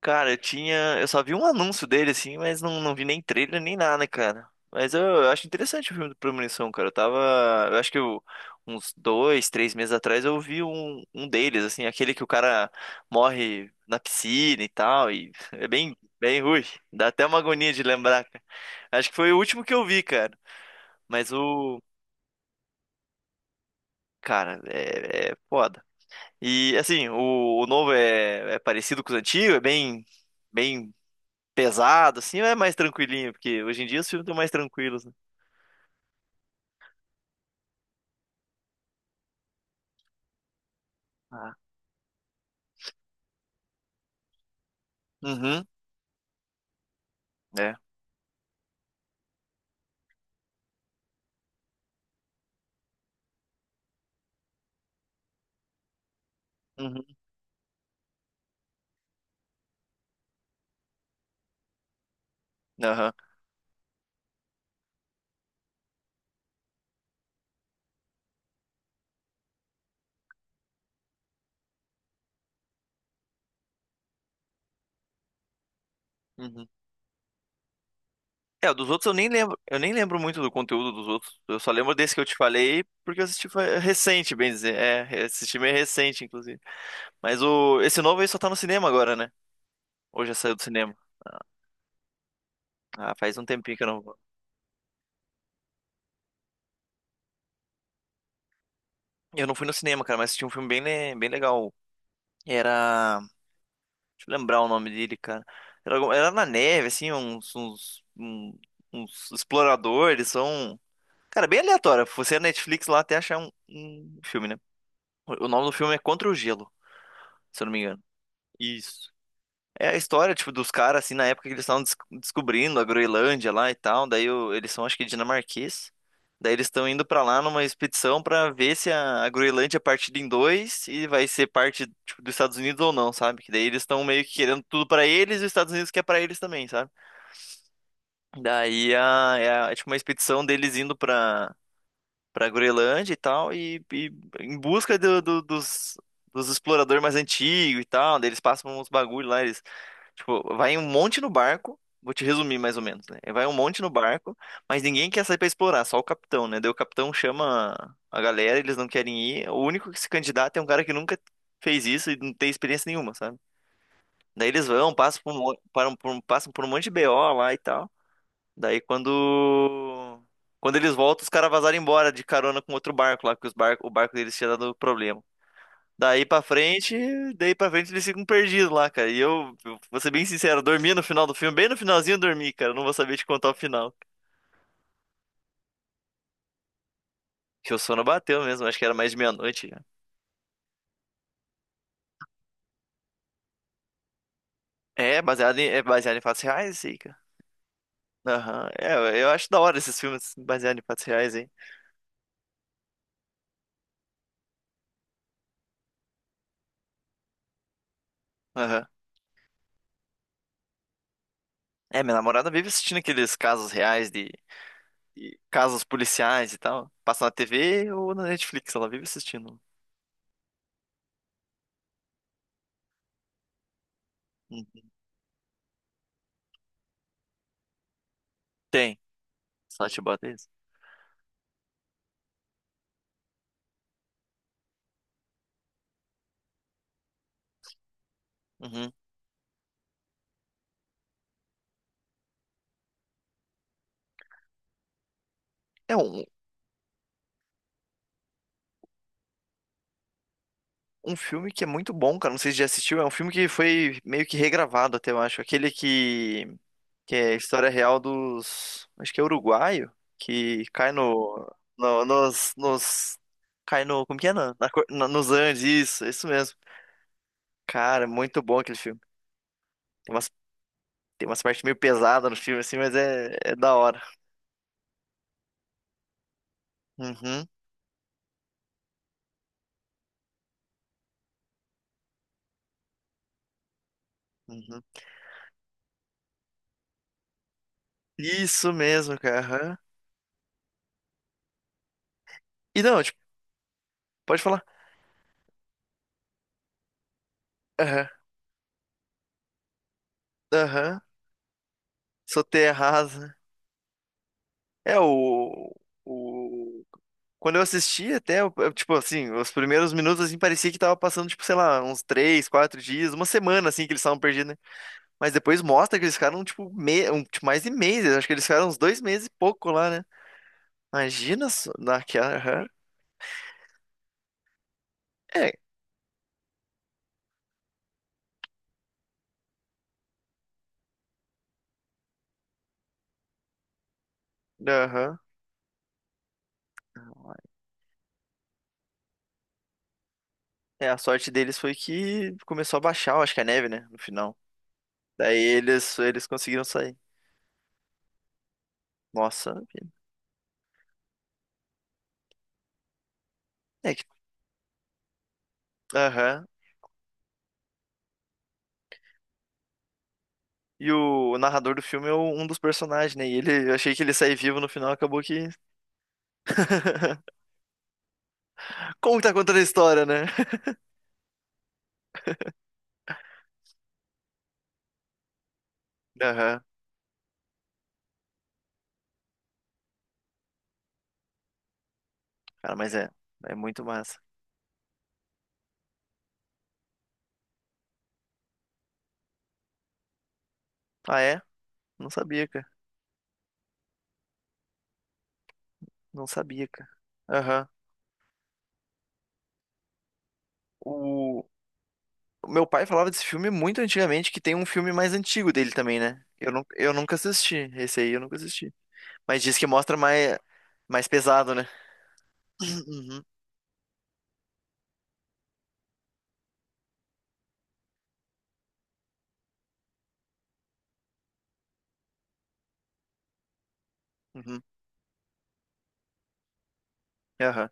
Cara, eu tinha. Eu só vi um anúncio dele, assim, mas não vi nem trailer nem nada, cara. Mas eu acho interessante o filme do Premonição, cara. Eu tava. Eu acho que eu- Uns dois, três meses atrás eu vi um deles, assim, aquele que o cara morre na piscina e tal. E é bem ruim. Dá até uma agonia de lembrar, cara. Acho que foi o último que eu vi, cara. Mas o. Cara, é foda. E assim, o novo é parecido com os antigos, é bem. Bem pesado, assim, ou é mais tranquilinho? Porque hoje em dia os filmes estão mais tranquilos, né? Ah. Uhum, é. Uhum, aham, uhum. É, o dos outros eu nem lembro muito do conteúdo dos outros. Eu só lembro desse que eu te falei porque eu assisti foi recente, bem dizer. É, assisti meio recente, inclusive. Mas o esse novo aí só tá no cinema agora, né? Hoje já saiu do cinema. Ah, faz um tempinho que eu não vou. Eu não fui no cinema, cara, mas assisti um filme bem legal. Era deixa eu lembrar o nome dele, cara. Era, era na neve, assim, uns exploradores, são. Cara, bem aleatório. Você é Netflix lá até achar um filme, né? O nome do filme é Contra o Gelo, se eu não me engano. Isso. É a história, tipo, dos caras, assim, na época que eles estavam descobrindo a Groenlândia lá e tal. Daí o- eles são, acho que, dinamarquês. Daí eles estão indo pra lá numa expedição pra ver se a Groenlândia é partida em dois e vai ser parte, tipo, dos Estados Unidos ou não, sabe? Que daí eles estão meio que querendo tudo pra eles e os Estados Unidos quer pra eles também, sabe? Daí a, é, a- É tipo uma expedição deles indo pra Groenlândia e tal, e em busca dos exploradores mais antigos e tal, daí eles passam uns bagulho lá, eles, tipo, vai um monte no barco, vou te resumir mais ou menos, né? Vai um monte no barco, mas ninguém quer sair pra explorar, só o capitão, né? Daí o capitão chama a galera, eles não querem ir, o único que se candidata é um cara que nunca fez isso e não tem experiência nenhuma, sabe? Daí eles vão, passam por um monte de BO lá e tal. Daí quando. Quando eles voltam, os caras vazaram embora de carona com outro barco lá, porque os o barco deles tinha dado problema. Daí pra frente, daí pra frente eles ficam perdidos lá, cara. E eu vou ser bem sincero, eu dormi no final do filme, bem no finalzinho eu dormi, cara. Eu não vou saber te contar o final. Que o sono bateu mesmo, acho que era mais de meia-noite já. É, é baseado em fatos reais, isso aí, cara. Aham. É, eu acho da hora esses filmes baseados em fatos reais, hein? Aham. É, minha namorada vive assistindo aqueles casos reais de e casos policiais e tal. Passa na TV ou na Netflix, ela vive assistindo. Uhum. Tem. Sátira isso. Uhum. É um filme que é muito bom, cara. Não sei se já assistiu. É um filme que foi meio que regravado até, eu acho. Aquele que é a história real dos. Acho que é uruguaio. Que cai no. Nos. Cai no. Como que é? Nos Andes, isso, é isso mesmo. Cara, é muito bom aquele filme. Tem umas, tem umas partes meio pesadas no filme, assim, mas é da hora. Uhum, uhum. Isso mesmo, cara. Aham. E não, tipo, pode falar. Aham, aham. Sou terra rasa. É o. Quando eu assisti até, tipo assim, os primeiros minutos assim parecia que tava passando, tipo, sei lá, uns três, quatro dias, uma semana assim que eles estavam perdidos, né? Mas depois mostra que eles ficaram, tipo, mais de meses. Acho que eles ficaram uns dois meses e pouco lá, né? Imagina só- naquela. Aham. É, aham. É, a sorte deles foi que começou a baixar, eu acho que a neve, né? No final. Daí eles conseguiram sair. Nossa, vida. É que. Aham. E o narrador do filme é um dos personagens, né? E ele, eu achei que ele sair vivo no final, acabou que. Como que tá contando a história, né? Aham. Cara, mas é. É muito massa. Ah, é? Não sabia, cara. Não sabia, cara. Aham. O... o meu pai falava desse filme muito antigamente, que tem um filme mais antigo dele também, né? Eu, eu nunca assisti. Esse aí eu nunca assisti. Mas diz que mostra mais, mais pesado, né? Uhum. Uhum. Aham.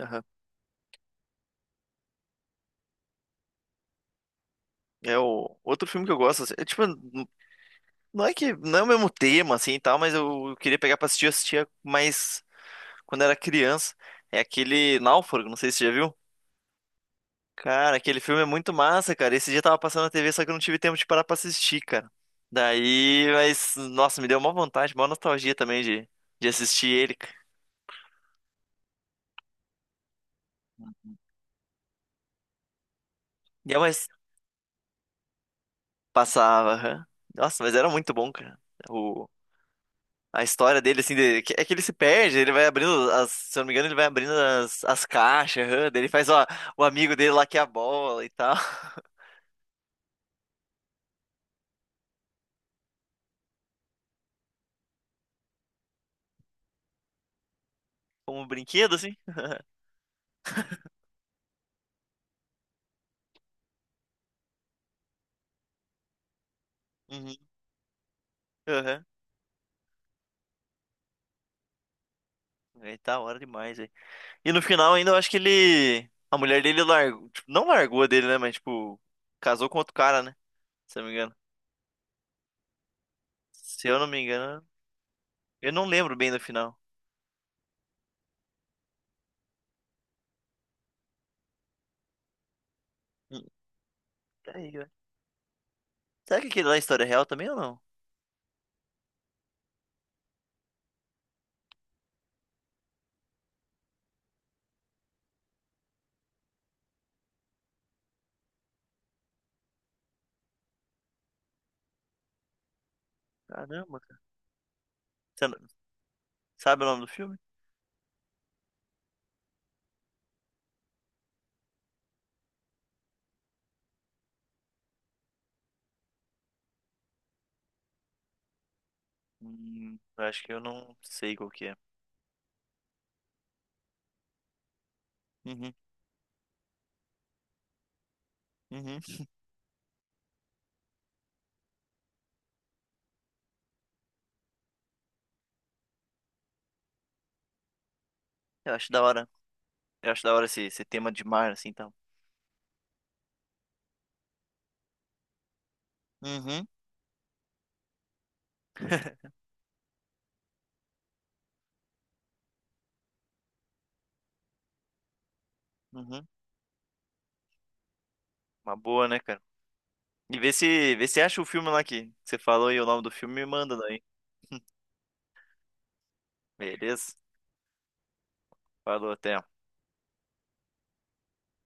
Aham. É o outro filme que eu gosto, assim, é, tipo, não é que não é o mesmo tema assim e tal, mas eu queria pegar pra assistir, eu assistia mais quando era criança. É aquele Náufrago, não sei se você já viu. Cara, aquele filme é muito massa, cara. Esse dia tava passando na TV, só que eu não tive tempo de parar pra assistir, cara. Daí, mas nossa, me deu uma vontade, uma nostalgia também de assistir ele, cara. E é, mas passava, aham. Nossa, mas era muito bom, cara. A história dele, assim, é que ele se perde, ele vai abrindo, as, se eu não me engano, ele vai abrindo as caixas, aham, daí ele faz, ó, o amigo dele lá que é a bola e tal, como um brinquedo, assim. Uhum, aham. Aí tá hora demais, velho. E no final ainda eu acho que ele, a mulher dele largou, tipo, não largou dele, né, mas, tipo, casou com outro cara, né, se eu não me engano. Se eu não me engano, eu não lembro bem do final. Hum, Peraí, velho. Será que aquele lá é história real também ou não? Caramba, cara. Você não- sabe o nome do filme? Eu acho que eu não sei qual que é. Uhum. Uhum. Eu acho da hora. Eu acho da hora esse, esse tema de mar, assim, tal. Uhum. Uhum. Uma boa, né, cara? E vê se acha o filme lá que você falou e o nome do filme me manda daí. Beleza? Falou, até.